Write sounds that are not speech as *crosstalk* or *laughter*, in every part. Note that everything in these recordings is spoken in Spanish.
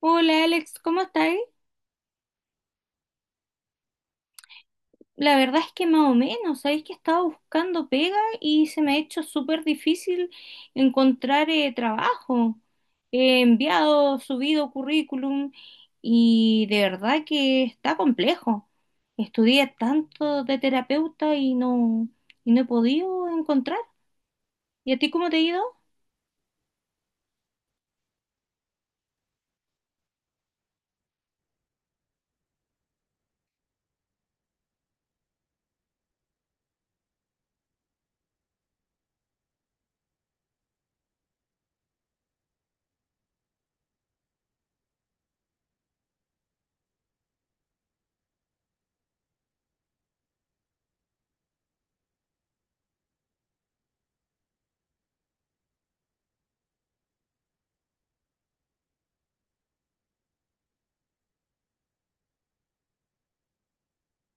Hola Alex, ¿cómo estáis? La verdad es que más o menos, sabéis que he estado buscando pega y se me ha hecho súper difícil encontrar trabajo. He enviado, subido currículum y de verdad que está complejo. Estudié tanto de terapeuta y no he podido encontrar. ¿Y a ti cómo te ha ido?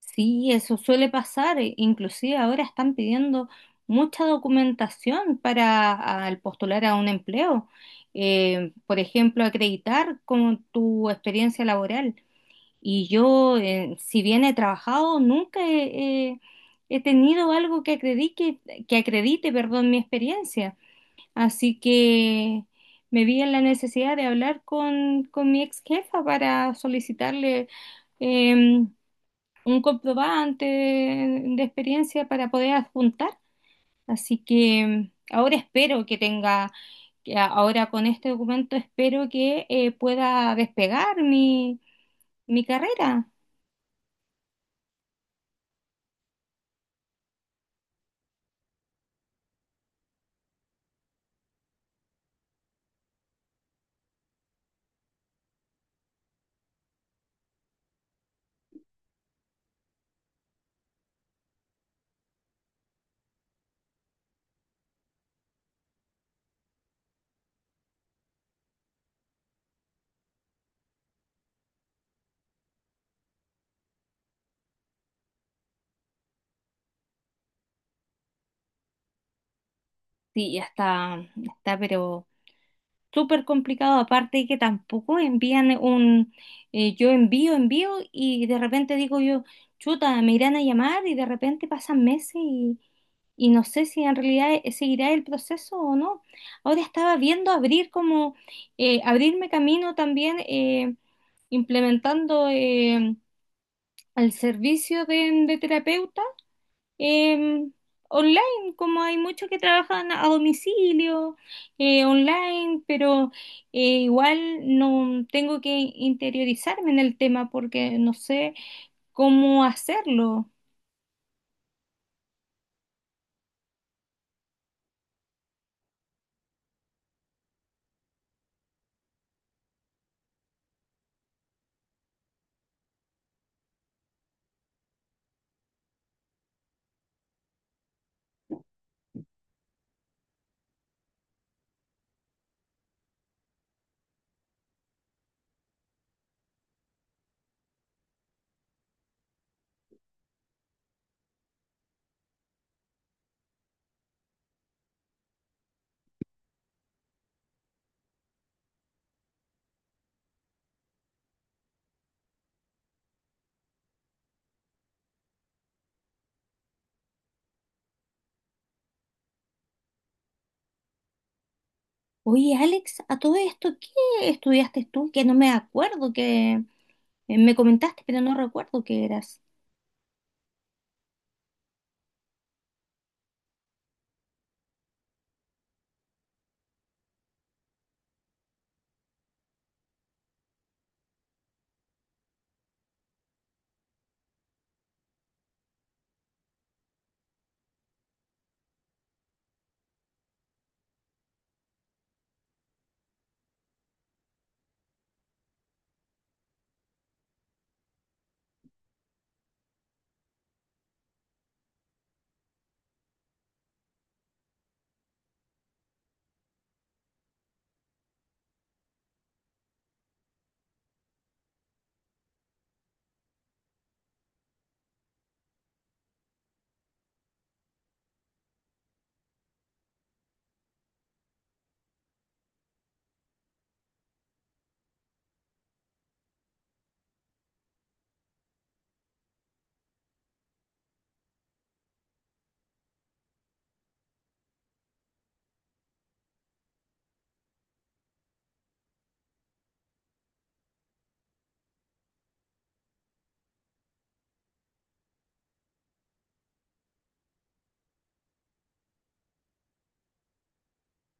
Sí, eso suele pasar. Inclusive ahora están pidiendo mucha documentación para al postular a un empleo. Por ejemplo, acreditar con tu experiencia laboral. Y yo, si bien he trabajado, nunca he, he- he tenido algo que acredite, perdón, mi experiencia. Así que me vi en la necesidad de hablar con mi ex jefa para solicitarle em, un comprobante de experiencia para poder adjuntar. Así que ahora espero que ahora con este documento espero que pueda despegar mi, mi carrera. Sí, ya está, pero... súper complicado, aparte que tampoco envían yo envío y de repente digo yo, chuta, me irán a llamar y de repente pasan meses y no sé si en realidad seguirá el proceso o no. Ahora estaba viendo abrirme camino también implementando el servicio de terapeuta em, online, como hay muchos que trabajan a domicilio, online, pero igual no tengo que interiorizarme en el tema porque no sé cómo hacerlo. Oye, Alex, a todo esto, ¿qué estudiaste tú? Que no me acuerdo que me comentaste, pero no recuerdo qué eras.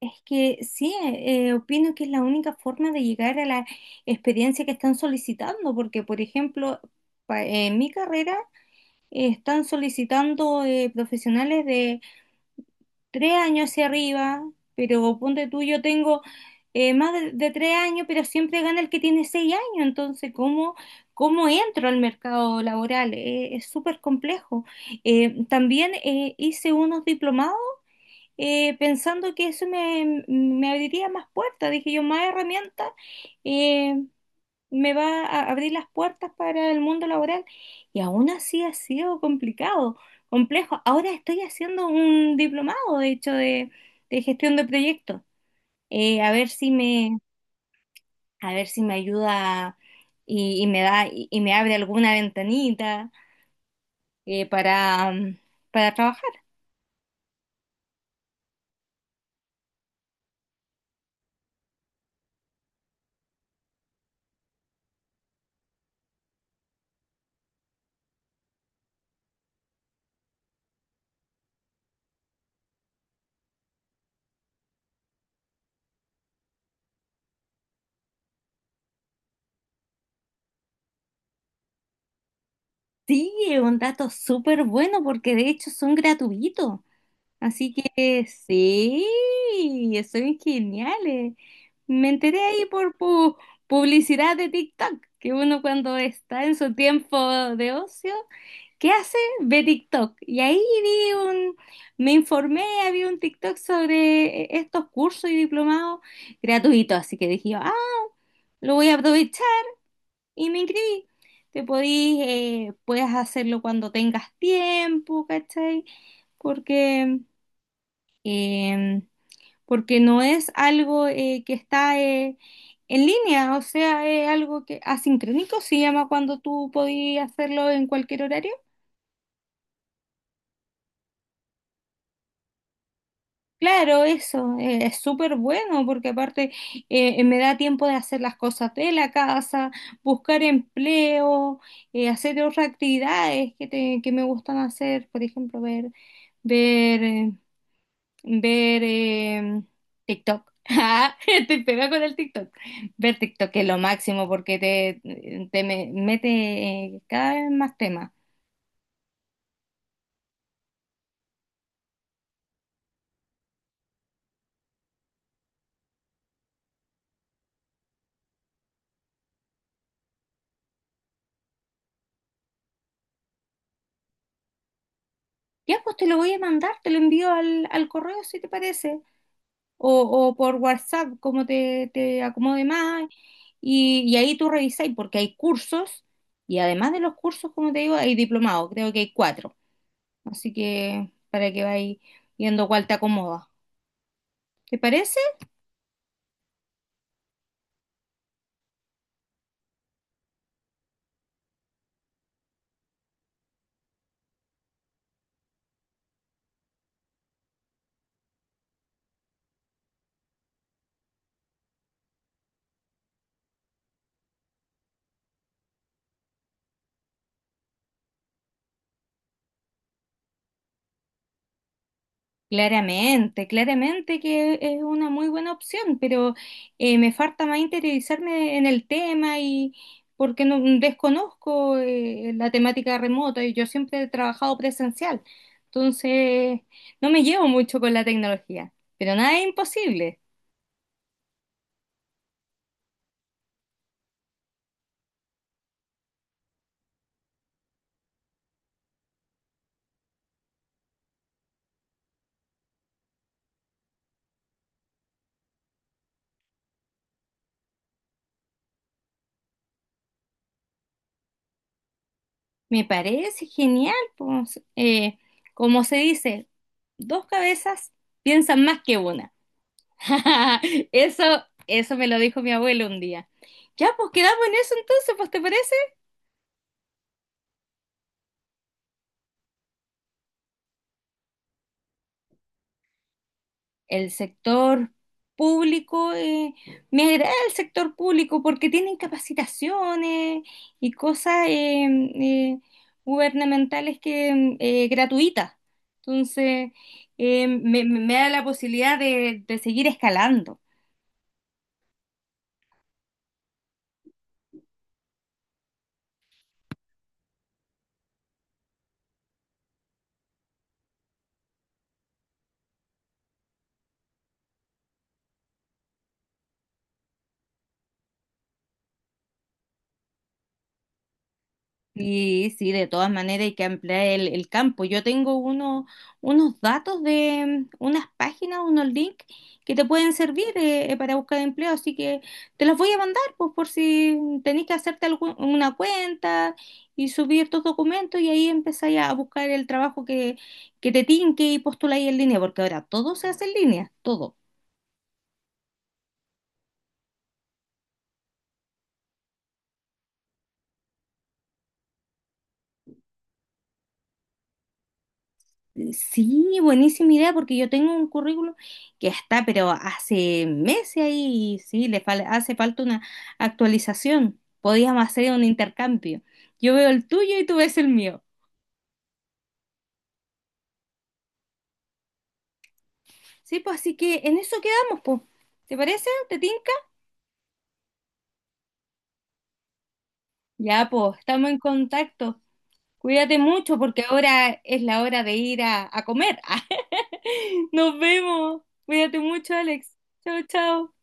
Es que sí, opino que es la única forma de llegar a la experiencia que están solicitando, porque, por ejemplo, en mi carrera están solicitando profesionales de tres años hacia arriba, pero ponte tú, yo tengo más de tres años, pero siempre gana el que tiene seis años. Entonces, ¿cómo, cómo entro al mercado laboral? Es súper complejo. También hice unos diplomados pensando que eso me, me abriría más puertas, dije yo, más herramientas, eh, me va a abrir las puertas para el mundo laboral. Y aún así ha sido complicado, complejo. Ahora estoy haciendo un diplomado, de hecho, de gestión de proyectos. A ver a ver si me ayuda y me da, y me abre alguna ventanita para, para trabajar. Sí, es un dato súper bueno porque de hecho son gratuitos. Así que sí, estoy bien geniales. Me enteré ahí por publicidad de TikTok, que uno cuando está en su tiempo de ocio, ¿qué hace? Ve TikTok. Y ahí vi un, me informé, había un TikTok sobre estos cursos y diplomados gratuitos, así que dije, ah, lo voy a aprovechar y me inscribí. Puedes hacerlo cuando tengas tiempo, ¿cachai? Porque... em, porque no es algo que está en línea, o sea, es algo que asincrónico se llama cuando tú podías hacerlo en cualquier horario. Claro, eso es súper bueno porque aparte me da tiempo de hacer las cosas de la casa, buscar empleo, hacer otras actividades que me gustan hacer, por ejemplo, ver eh, ver TikTok. *laughs* Ah, estoy pega con el TikTok. Ver TikTok es lo máximo porque te mete cada vez más temas. Ya, pues te lo voy a mandar, te lo envío al correo si te parece, o, o por WhatsApp, como te acomode más. Y ahí tú revisáis porque hay cursos y además de los cursos, como te digo, hay diplomados, creo que hay cuatro. Así que para que vayas viendo cuál te acomoda. ¿Te parece? Claramente, claramente que es una muy buena opción, pero me falta más interiorizarme en el tema y porque no desconozco la temática remota y yo siempre he trabajado presencial. Entonces no me llevo mucho con la tecnología, pero nada es imposible. Me parece genial, pues, como se dice, dos cabezas piensan más que una. *laughs* Eso, eso me lo dijo mi abuelo un día. Ya, pues quedamos en eso entonces, pues ¿te parece? El sector público, me agrada el sector público porque tienen capacitaciones y cosas eh, gubernamentales que gratuitas. Entonces, me da la posibilidad de seguir escalando. Sí, sí, de todas maneras hay que ampliar el campo. Yo tengo unos datos de unas páginas, unos links que te pueden servir para buscar empleo, así que te los voy a mandar pues, por si tenés que hacerte una cuenta y subir tus documentos y ahí empezáis a buscar el trabajo que te tinque y postuláis en línea, porque ahora todo se hace en línea, todo. Sí, buenísima idea, porque yo tengo un currículum que está, pero hace meses ahí, y sí, hace falta una actualización. Podíamos hacer un intercambio. Yo veo el tuyo y tú ves el mío. Sí, pues así que en eso quedamos, pues. ¿Te parece? ¿Te tinca? Ya, pues, estamos en contacto. Cuídate mucho porque ahora es la hora de ir a comer. *laughs* Nos vemos. Cuídate mucho, Alex. Chao, chao.